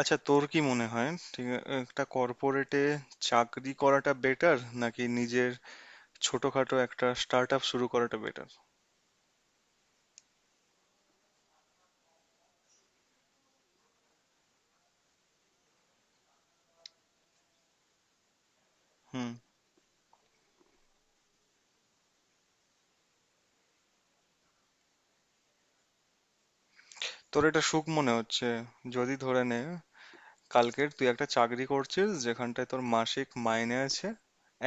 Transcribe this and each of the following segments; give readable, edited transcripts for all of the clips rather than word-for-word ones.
আচ্ছা, তোর কি মনে হয়, একটা কর্পোরেটে চাকরি করাটা বেটার নাকি নিজের ছোটখাটো একটা স্টার্ট আপ শুরু করাটা বেটার? হুম। তোর এটা সুখ মনে হচ্ছে? যদি ধরে নে কালকের তুই একটা চাকরি করছিস যেখানটায় তোর মাসিক মাইনে আছে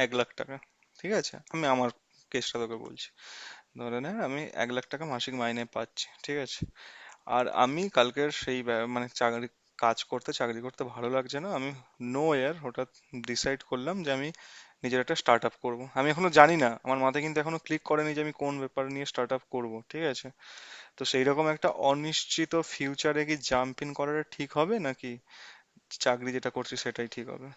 1,00,000 টাকা। ঠিক আছে, আমি আমার কেসটা তোকে বলছি। ধরে নে আমি 1,00,000 টাকা মাসিক মাইনে পাচ্ছি, ঠিক আছে। আর আমি কালকের সেই মানে চাকরি কাজ করতে চাকরি করতে ভালো লাগছে না। আমি নো এয়ার হঠাৎ ডিসাইড করলাম যে আমি নিজের একটা স্টার্ট আপ করবো। আমি এখনো জানি না, আমার মাথায় কিন্তু এখনো ক্লিক করেনি যে আমি কোন ব্যাপার নিয়ে স্টার্ট আপ করবো, ঠিক আছে। তো সেই রকম একটা অনিশ্চিত ফিউচারে কি জাম্প ইন করাটা ঠিক হবে নাকি চাকরি যেটা করছি সেটাই ঠিক হবে?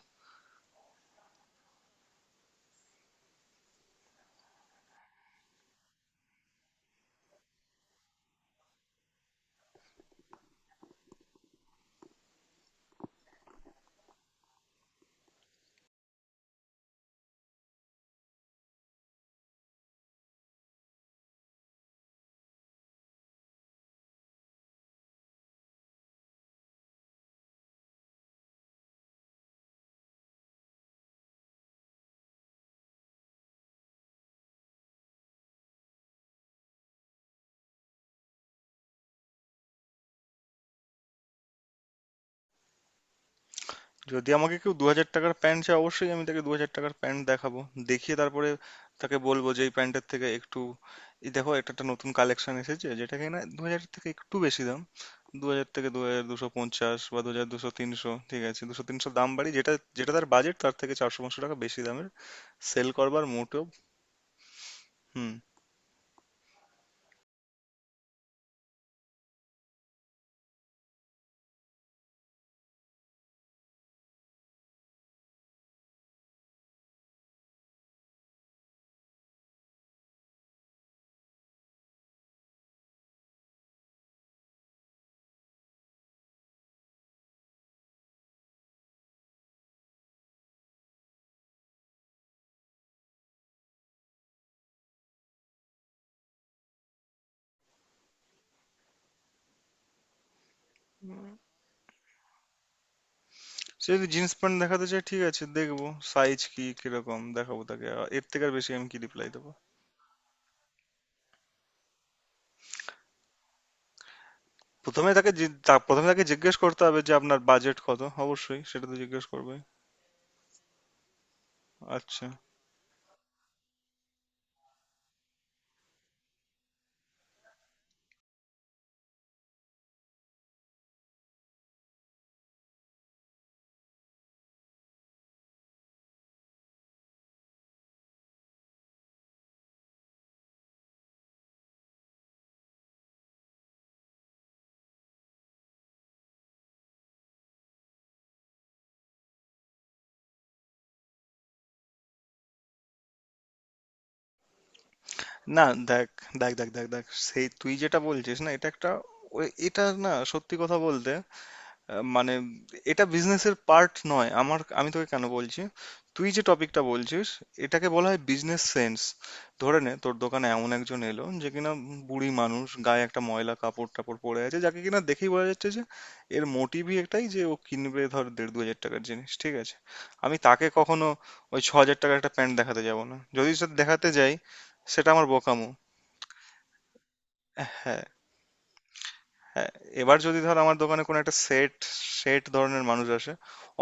যদি আমাকে কেউ 2,000 টাকার প্যান্ট চায়, অবশ্যই আমি তাকে 2,000 টাকার প্যান্ট দেখাবো। দেখিয়ে তারপরে তাকে বলবো যে এই প্যান্টের থেকে একটু, এই দেখো এটা একটা নতুন কালেকশন এসেছে যেটা কিনা দু হাজার থেকে একটু বেশি দাম। 2,000 থেকে 2,250 বা 2,200-2,300, ঠিক আছে, 200-300 দাম বাড়ি যেটা, যেটা তার বাজেট তার থেকে 400-500 টাকা বেশি দামের সেল করবার মোটো। হুম। সে যদি জিন্স প্যান্ট দেখাতে চায়, ঠিক আছে দেখবো, সাইজ কি কিরকম দেখাবো তাকে, এর থেকে আর বেশি আমি কি রিপ্লাই দেবো? প্রথমে তাকে প্রথমে তাকে জিজ্ঞেস করতে হবে যে আপনার বাজেট কত, অবশ্যই সেটা তো জিজ্ঞেস করবে। আচ্ছা, না, দেখ দেখ দেখ দেখ দেখ সেই তুই যেটা বলছিস না এটা একটা, এটা না, সত্যি কথা বলতে, মানে এটা বিজনেসের পার্ট নয়। আমার আমি তোকে কেন বলছি, তুই যে টপিকটা বলছিস এটাকে বলা হয় বিজনেস সেন্স। ধরে নে তোর দোকানে এমন একজন এলো যে কিনা বুড়ি মানুষ, গায়ে একটা ময়লা কাপড় টাপড় পরে আছে, যাকে কিনা দেখেই বোঝা যাচ্ছে যে এর মোটিভই একটাই যে ও কিনবে ধর 1,500-2,000 টাকার জিনিস, ঠিক আছে। আমি তাকে কখনো ওই 6,000 টাকার একটা প্যান্ট দেখাতে যাব না, যদি সে দেখাতে যাই সেটা আমার বোকামো। হ্যাঁ, হ্যাঁ। এবার যদি ধর আমার দোকানে কোনো একটা সেট, সেট ধরনের মানুষ আসে,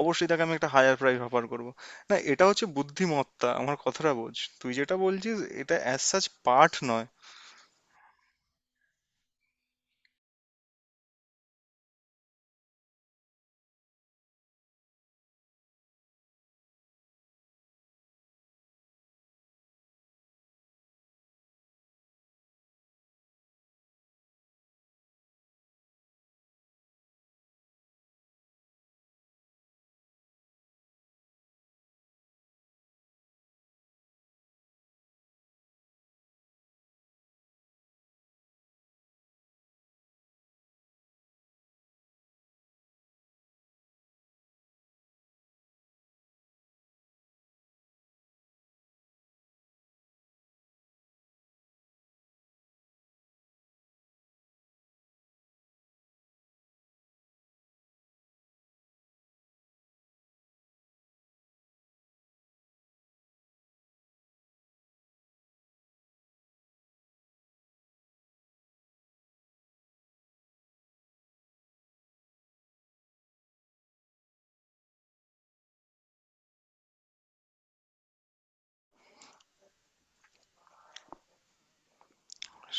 অবশ্যই তাকে আমি একটা হায়ার প্রাইস অফার করব। না, এটা হচ্ছে বুদ্ধিমত্তা, আমার কথাটা বোঝ। তুই যেটা বলছিস এটা অ্যাজ সাচ পার্ট নয়।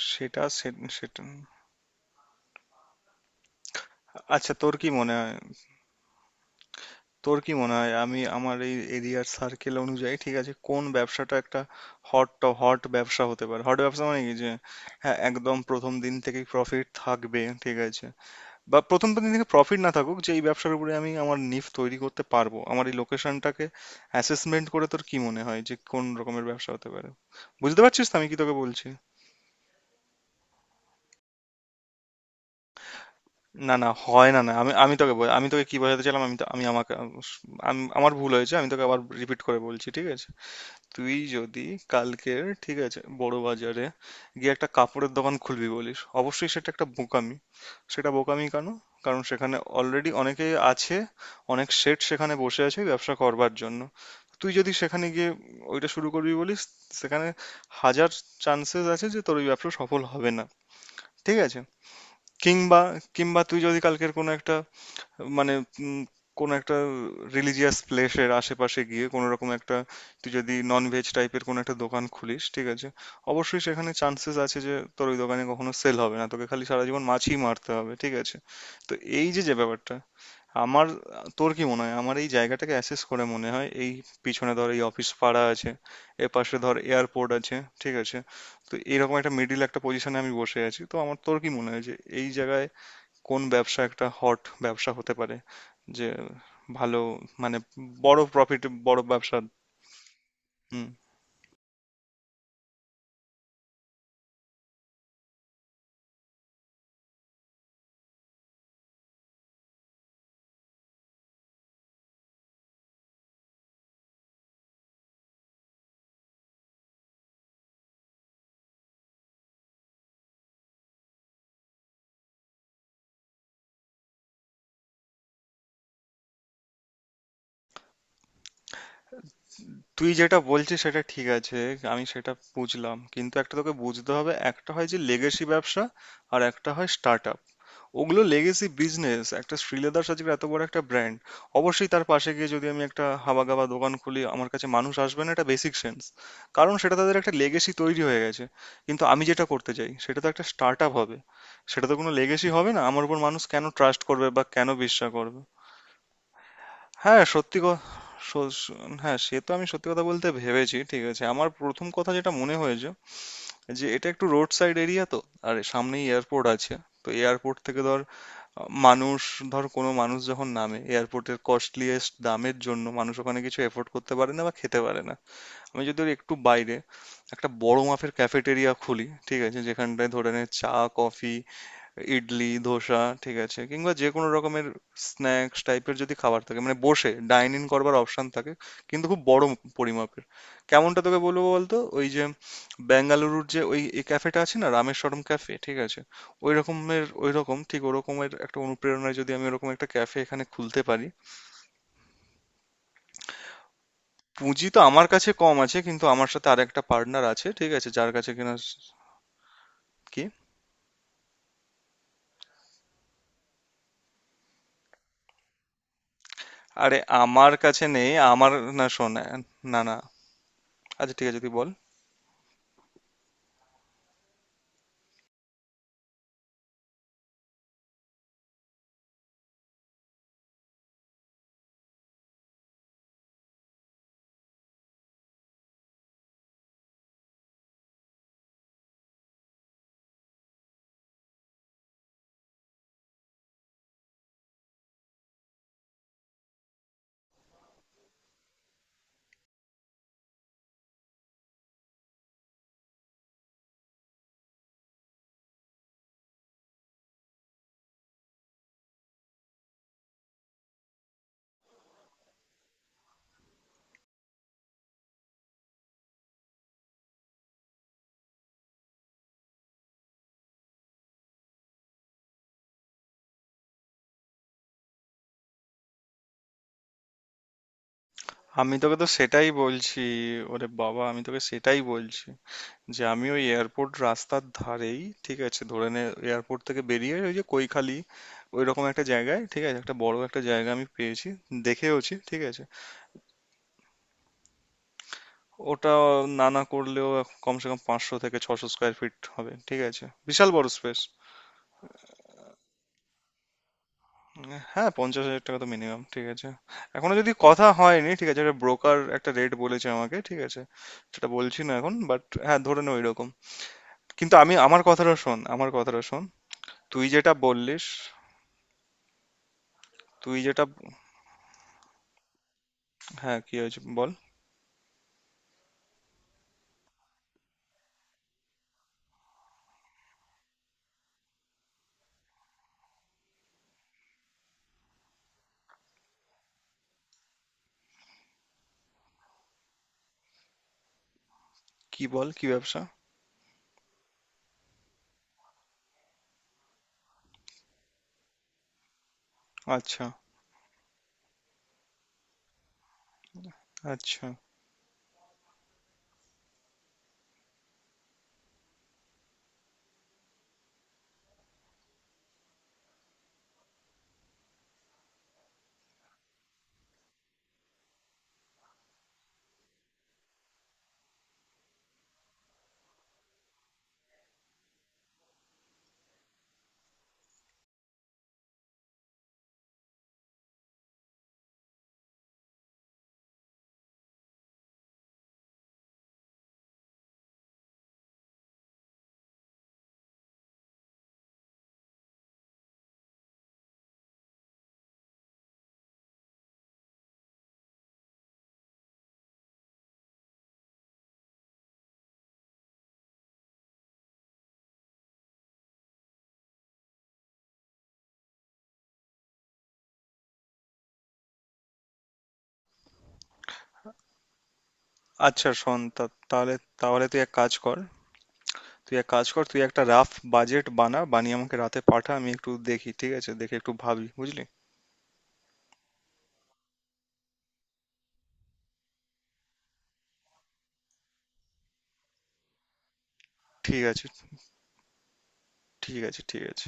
সেটা। আচ্ছা, তোর কি মনে হয়, তোর কি মনে হয় আমি আমার এই এরিয়ার সার্কেল অনুযায়ী, ঠিক আছে, কোন ব্যবসাটা একটা হট হট ব্যবসা হতে পারে? হট ব্যবসা মানে কি, যে হ্যাঁ, একদম প্রথম দিন থেকেই প্রফিট থাকবে, ঠিক আছে, বা প্রথম দিন থেকে প্রফিট না থাকুক যে এই ব্যবসার উপরে আমি আমার নিফ তৈরি করতে পারবো। আমার এই লোকেশনটাকে অ্যাসেসমেন্ট করে তোর কি মনে হয় যে কোন রকমের ব্যবসা হতে পারে? বুঝতে পারছিস তো আমি কি তোকে বলছি? না, না হয় না। না, আমি আমি তোকে আমি তোকে কি বোঝাতে চাইলাম, আমি আমি আমাকে, আমি, আমার ভুল হয়েছে। আমি তোকে আবার রিপিট করে বলছি, ঠিক আছে। তুই যদি কালকের, ঠিক আছে, বড় বাজারে গিয়ে একটা কাপড়ের দোকান খুলবি বলিস, অবশ্যই সেটা একটা বোকামি। সেটা বোকামি কেন? কারণ সেখানে অলরেডি অনেকেই আছে, অনেক শেঠ সেখানে বসে আছে ব্যবসা করবার জন্য। তুই যদি সেখানে গিয়ে ওইটা শুরু করবি বলিস, সেখানে হাজার চান্সেস আছে যে তোর ওই ব্যবসা সফল হবে না, ঠিক আছে। কিংবা, কিংবা তুই যদি কালকের কোনো একটা মানে, উম, কোনো একটা রিলিজিয়াস প্লেসের আশেপাশে গিয়ে কোনো রকম একটা, তুই যদি নন ভেজ টাইপের কোনো একটা দোকান খুলিস, ঠিক আছে, অবশ্যই সেখানে চান্সেস আছে যে তোর ওই দোকানে কখনো সেল হবে না, তোকে খালি সারা জীবন মাছই মারতে হবে, ঠিক আছে। তো এই যে যে ব্যাপারটা আমার, তোর কি মনে হয় আমার এই জায়গাটাকে অ্যাসেস করে মনে হয়, এই পিছনে ধর এই অফিস পাড়া আছে, এর পাশে ধর এয়ারপোর্ট আছে, ঠিক আছে। তো এরকম একটা মিডিল একটা পজিশনে আমি বসে আছি, তো আমার তোর কি মনে হয় যে এই জায়গায় কোন ব্যবসা একটা হট ব্যবসা হতে পারে, যে ভালো, মানে বড় প্রফিট, বড় ব্যবসা? হুম। তুই যেটা বলছিস সেটা ঠিক আছে, আমি সেটা বুঝলাম। কিন্তু একটা তোকে বুঝতে হবে, একটা হয় যে লেগেসি ব্যবসা, আর একটা হয় স্টার্ট। ওগুলো লেগেসি বিজনেস। একটা শ্রীলেদার সাজির এত বড় একটা ব্র্যান্ড, অবশ্যই তার পাশে গিয়ে যদি আমি একটা হাবাগাবা দোকান খুলি আমার কাছে মানুষ আসবে না, এটা বেসিক সেন্স। কারণ সেটা তাদের একটা লেগেসি তৈরি হয়ে গেছে। কিন্তু আমি যেটা করতে চাই সেটা তো একটা স্টার্ট আপ হবে, সেটা তো কোনো লেগেসি হবে না। আমার উপর মানুষ কেন ট্রাস্ট করবে বা কেন বিশ্বাস করবে? হ্যাঁ, সত্যি স- স- হ্যাঁ, সে তো আমি সত্যি কথা বলতে ভেবেছি, ঠিক আছে। আমার প্রথম কথা যেটা মনে হয়েছে যে এটা একটু রোড সাইড এরিয়া তো, আর সামনেই এয়ারপোর্ট আছে। তো এয়ারপোর্ট থেকে ধর, মানুষ, ধর কোনো মানুষ যখন নামে, এয়ারপোর্টের কস্টলিয়েস্ট দামের জন্য মানুষ ওখানে কিছু এফোর্ড করতে পারে না বা খেতে পারে না। আমি যদি ওর একটু বাইরে একটা বড় মাপের ক্যাফেটেরিয়া খুলি, ঠিক আছে, যেখানটায় ধরে নে চা, কফি, ইডলি, ধোসা, ঠিক আছে, কিংবা যে কোনো রকমের স্ন্যাক্স টাইপের যদি খাবার থাকে, মানে বসে ডাইন ইন করবার অপশন থাকে, কিন্তু খুব বড় পরিমাপের। কেমনটা তোকে বলবো বলতো, ওই যে বেঙ্গালুরুর যে ওই এই ক্যাফেটা আছে না, রামেশ্বরম ক্যাফে, ঠিক আছে, ওই রকমের, ওই রকম ঠিক ওরকমের একটা অনুপ্রেরণায় যদি আমি ওরকম একটা ক্যাফে এখানে খুলতে পারি। পুঁজি তো আমার কাছে কম আছে, কিন্তু আমার সাথে আরেকটা পার্টনার আছে, ঠিক আছে, যার কাছে কিনা। কি? আরে, আমার কাছে নেই, আমার। না, শোন, না, না, আচ্ছা, ঠিক আছে তুই বল। আমি তোকে তো সেটাই বলছি। ওরে বাবা, আমি তোকে সেটাই বলছি যে আমি ওই এয়ারপোর্ট রাস্তার ধারেই, ঠিক আছে, ধরে নে এয়ারপোর্ট থেকে বেরিয়ে ওই যে কৈখালি, ওই রকম একটা জায়গায়, ঠিক আছে, একটা বড় একটা জায়গা আমি পেয়েছি, দেখেওছি, ঠিক আছে। ওটা না না করলেও কমসে কম 500 থেকে 600 স্কোয়ার ফিট হবে, ঠিক আছে, বিশাল বড় স্পেস। হ্যাঁ, 50,000 টাকা তো মিনিমাম, ঠিক আছে। এখনো যদি কথা হয়নি, ঠিক আছে, একটা ব্রোকার একটা রেট বলেছে আমাকে, ঠিক আছে। সেটা বলছি না এখন, বাট হ্যাঁ ধরে নে ওই রকম। কিন্তু আমি আমার কথাটা শোন, আমার কথাটা শোন। তুই যেটা বললিস, তুই যেটা, হ্যাঁ, কি হয়েছে বল। কি বল, কি ব্যবসা? আচ্ছা, আচ্ছা, আচ্ছা শোন, তাহলে, তাহলে তুই এক কাজ কর, তুই এক কাজ কর, তুই একটা রাফ বাজেট বানা, বানিয়ে আমাকে রাতে পাঠা, আমি একটু দেখি, ঠিক আছে, দেখে একটু ভাবি, বুঝলি। ঠিক আছে, ঠিক আছে, ঠিক আছে।